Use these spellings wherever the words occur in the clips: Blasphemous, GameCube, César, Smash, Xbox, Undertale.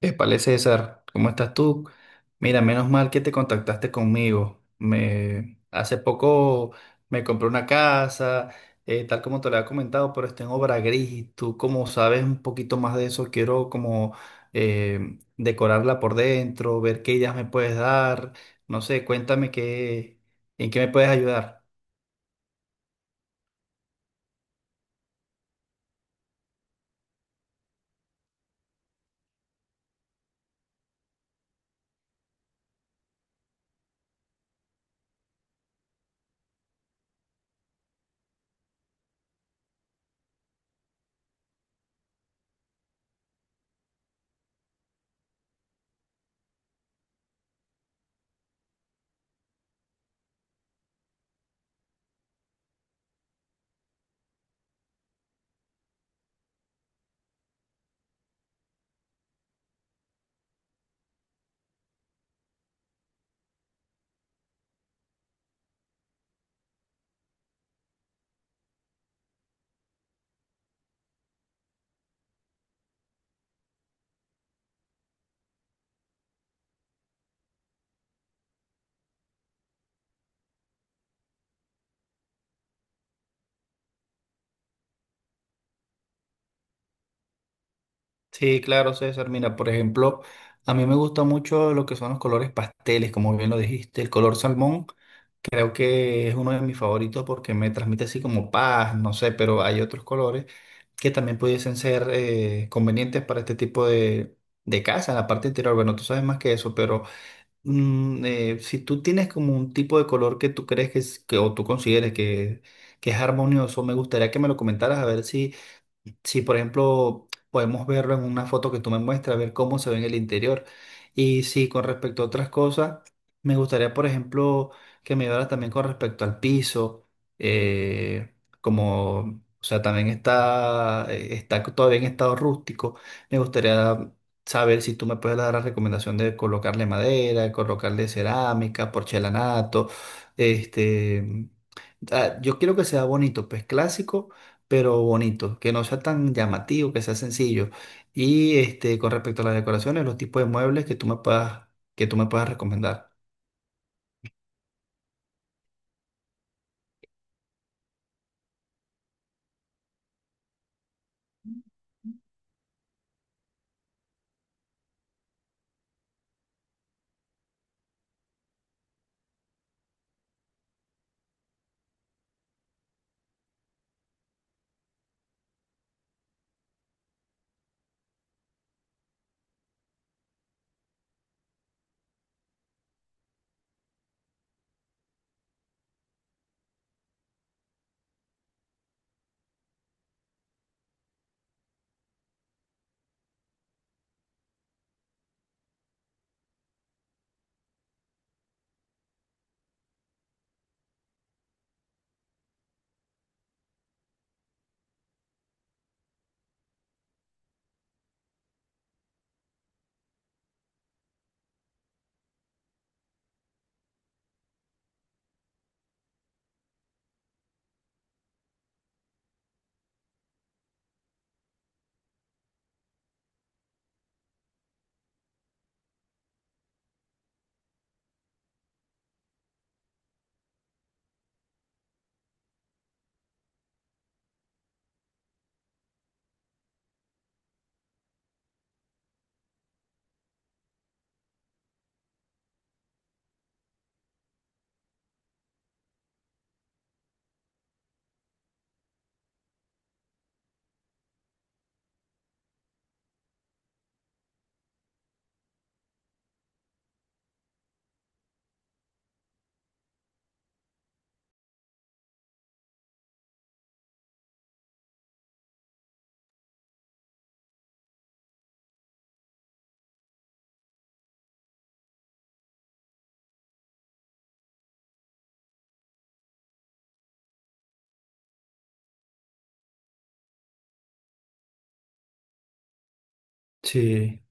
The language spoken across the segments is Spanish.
Épale, César, ¿cómo estás tú? Mira, menos mal que te contactaste conmigo. Hace poco me compré una casa, tal como te lo había comentado, pero está en obra gris. Y Tú, como sabes un poquito más de eso, quiero como decorarla por dentro, ver qué ideas me puedes dar. No sé, en qué me puedes ayudar. Sí, claro, César. Mira, por ejemplo, a mí me gusta mucho lo que son los colores pasteles, como bien lo dijiste, el color salmón. Creo que es uno de mis favoritos porque me transmite así como paz, no sé, pero hay otros colores que también pudiesen ser convenientes para este de casa, en la parte interior. Bueno, tú sabes más que eso, pero si tú tienes como un tipo de color que tú que o tú consideres que es armonioso, me gustaría que me lo comentaras a ver si si, por ejemplo, podemos verlo en una foto que tú me muestras, ver cómo se ve en el interior. Y sí, con respecto a otras cosas, me gustaría, por ejemplo, que me hablara también con respecto al piso, eh, o sea, también está todavía en estado rústico. Me gustaría saber si tú me puedes dar la recomendación de colocarle madera, colocarle cerámica, porcelanato, este yo quiero que sea bonito, pues clásico, pero bonito, que no sea tan llamativo, que sea sencillo. Y este, con respecto a las decoraciones, los tipos de muebles que tú me puedas recomendar. Sí.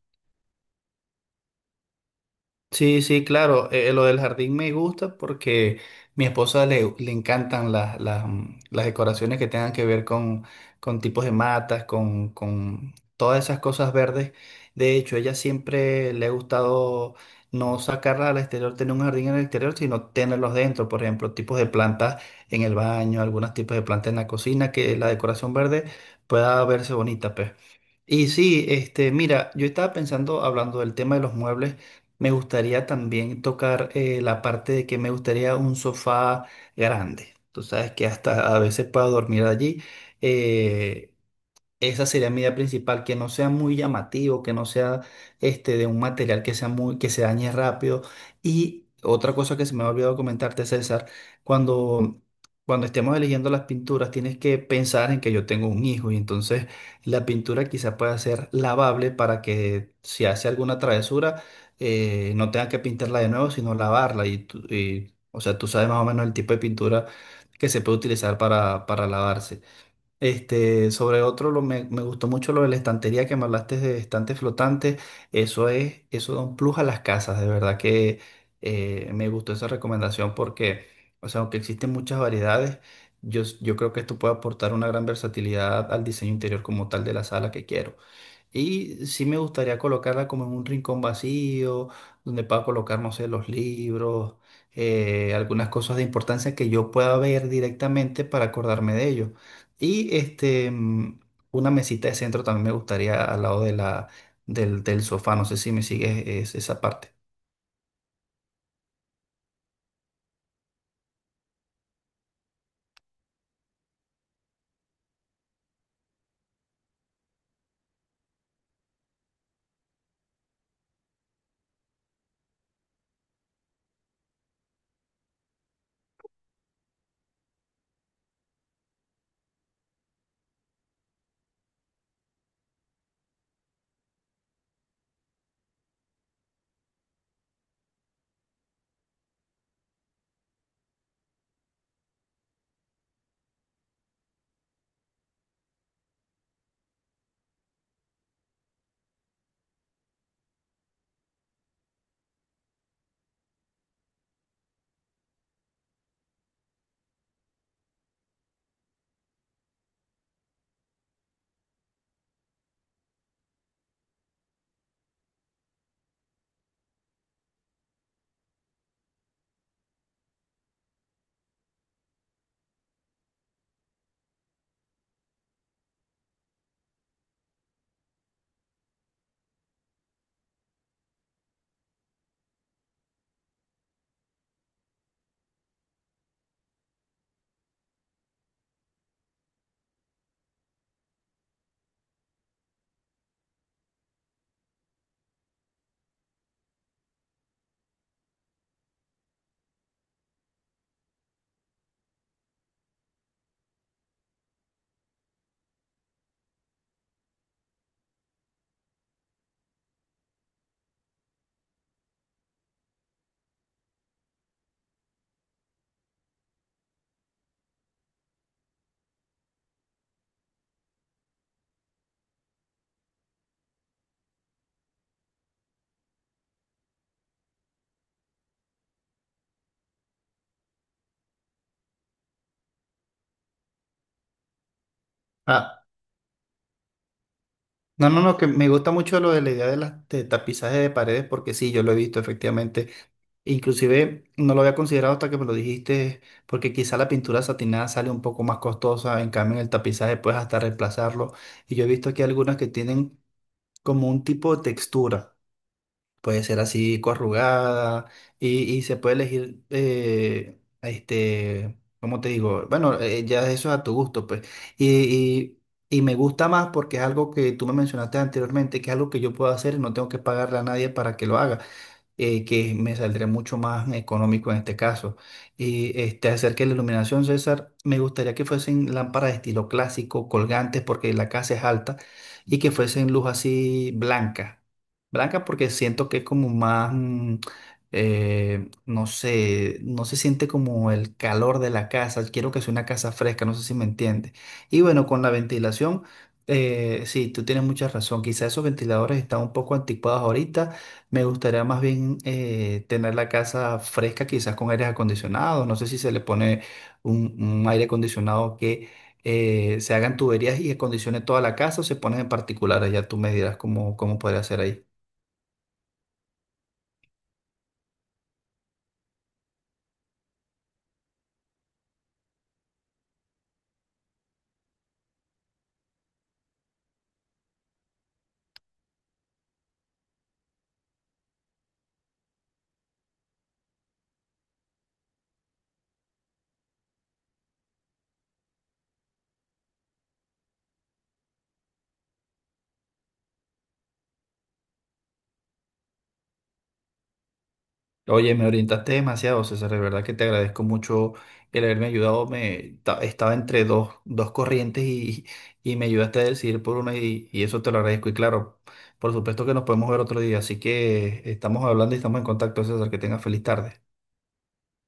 Sí, sí, claro. Lo del jardín me gusta porque mi esposa le encantan las decoraciones que tengan que ver con tipos de matas, con todas esas cosas verdes. De hecho, ella siempre le ha gustado no sacarla al exterior, tener un jardín en el exterior, sino tenerlos dentro. Por ejemplo, tipos de plantas en el baño, algunos tipos de plantas en la cocina, que la decoración verde pueda verse bonita, pues. Y sí, este, mira, yo estaba pensando, hablando del tema de los muebles. Me gustaría también tocar la parte de que me gustaría un sofá grande. Tú sabes que hasta a veces puedo dormir allí. Eh, Esa sería mi idea principal, que no sea muy llamativo, que no sea este de un material que se dañe rápido. Y otra cosa que se me ha olvidado comentarte, César, cuando, cuando estemos eligiendo las pinturas, tienes que pensar en que yo tengo un hijo y entonces la pintura quizá pueda ser lavable para que si hace alguna travesura, no tenga que pintarla de nuevo, sino lavarla. O sea, tú sabes más o menos el tipo de pintura que se puede utilizar para lavarse. Este, sobre otro, me gustó mucho lo de la estantería que me hablaste de estantes flotantes. Eso es, eso da un plus a las casas. De verdad que me gustó esa recomendación porque, o sea, aunque existen muchas variedades, yo creo que esto puede aportar una gran versatilidad al diseño interior como tal de la sala que quiero. Y sí me gustaría colocarla como en un rincón vacío, donde pueda colocar, no sé, los libros, algunas cosas de importancia que yo pueda ver directamente para acordarme de ello. Y este, una mesita de centro también me gustaría al lado del sofá. No sé si me sigues esa parte. Ah, no, no, no, que me gusta mucho lo de la idea de las de tapizaje de paredes, porque sí, yo lo he visto efectivamente. Inclusive no lo había considerado hasta que me lo dijiste, porque quizá la pintura satinada sale un poco más costosa, en cambio en el tapizaje puedes hasta reemplazarlo. Y yo he visto aquí algunas que tienen como un tipo de textura, puede ser así corrugada y se puede elegir, este, ¿cómo te digo? Bueno, ya eso es a tu gusto, pues. Y, y, y me gusta más porque es algo que tú me mencionaste anteriormente, que es algo que yo puedo hacer y no tengo que pagarle a nadie para que lo haga, que me saldría mucho más económico en este caso. Y este, acerca de la iluminación, César, me gustaría que fuesen lámparas de estilo clásico, colgantes, porque la casa es alta, y que fuesen luz así blanca. Blanca porque siento que es como más, no sé, no se siente como el calor de la casa. Quiero que sea una casa fresca, no sé si me entiende. Y bueno, con la ventilación, sí, tú tienes mucha razón. Quizás esos ventiladores están un poco anticuados ahorita. Me gustaría más bien tener la casa fresca, quizás con aires acondicionados. No sé si se le pone un aire acondicionado que se hagan tuberías y acondicione toda la casa o se ponen en particular. Ya tú me dirás cómo podría ser ahí. Oye, me orientaste demasiado, César. De verdad que te agradezco mucho el haberme ayudado. Estaba entre dos corrientes y me ayudaste a decidir por una y eso te lo agradezco. Y claro, por supuesto que nos podemos ver otro día. Así que estamos hablando y estamos en contacto, César. Que tengas feliz tarde.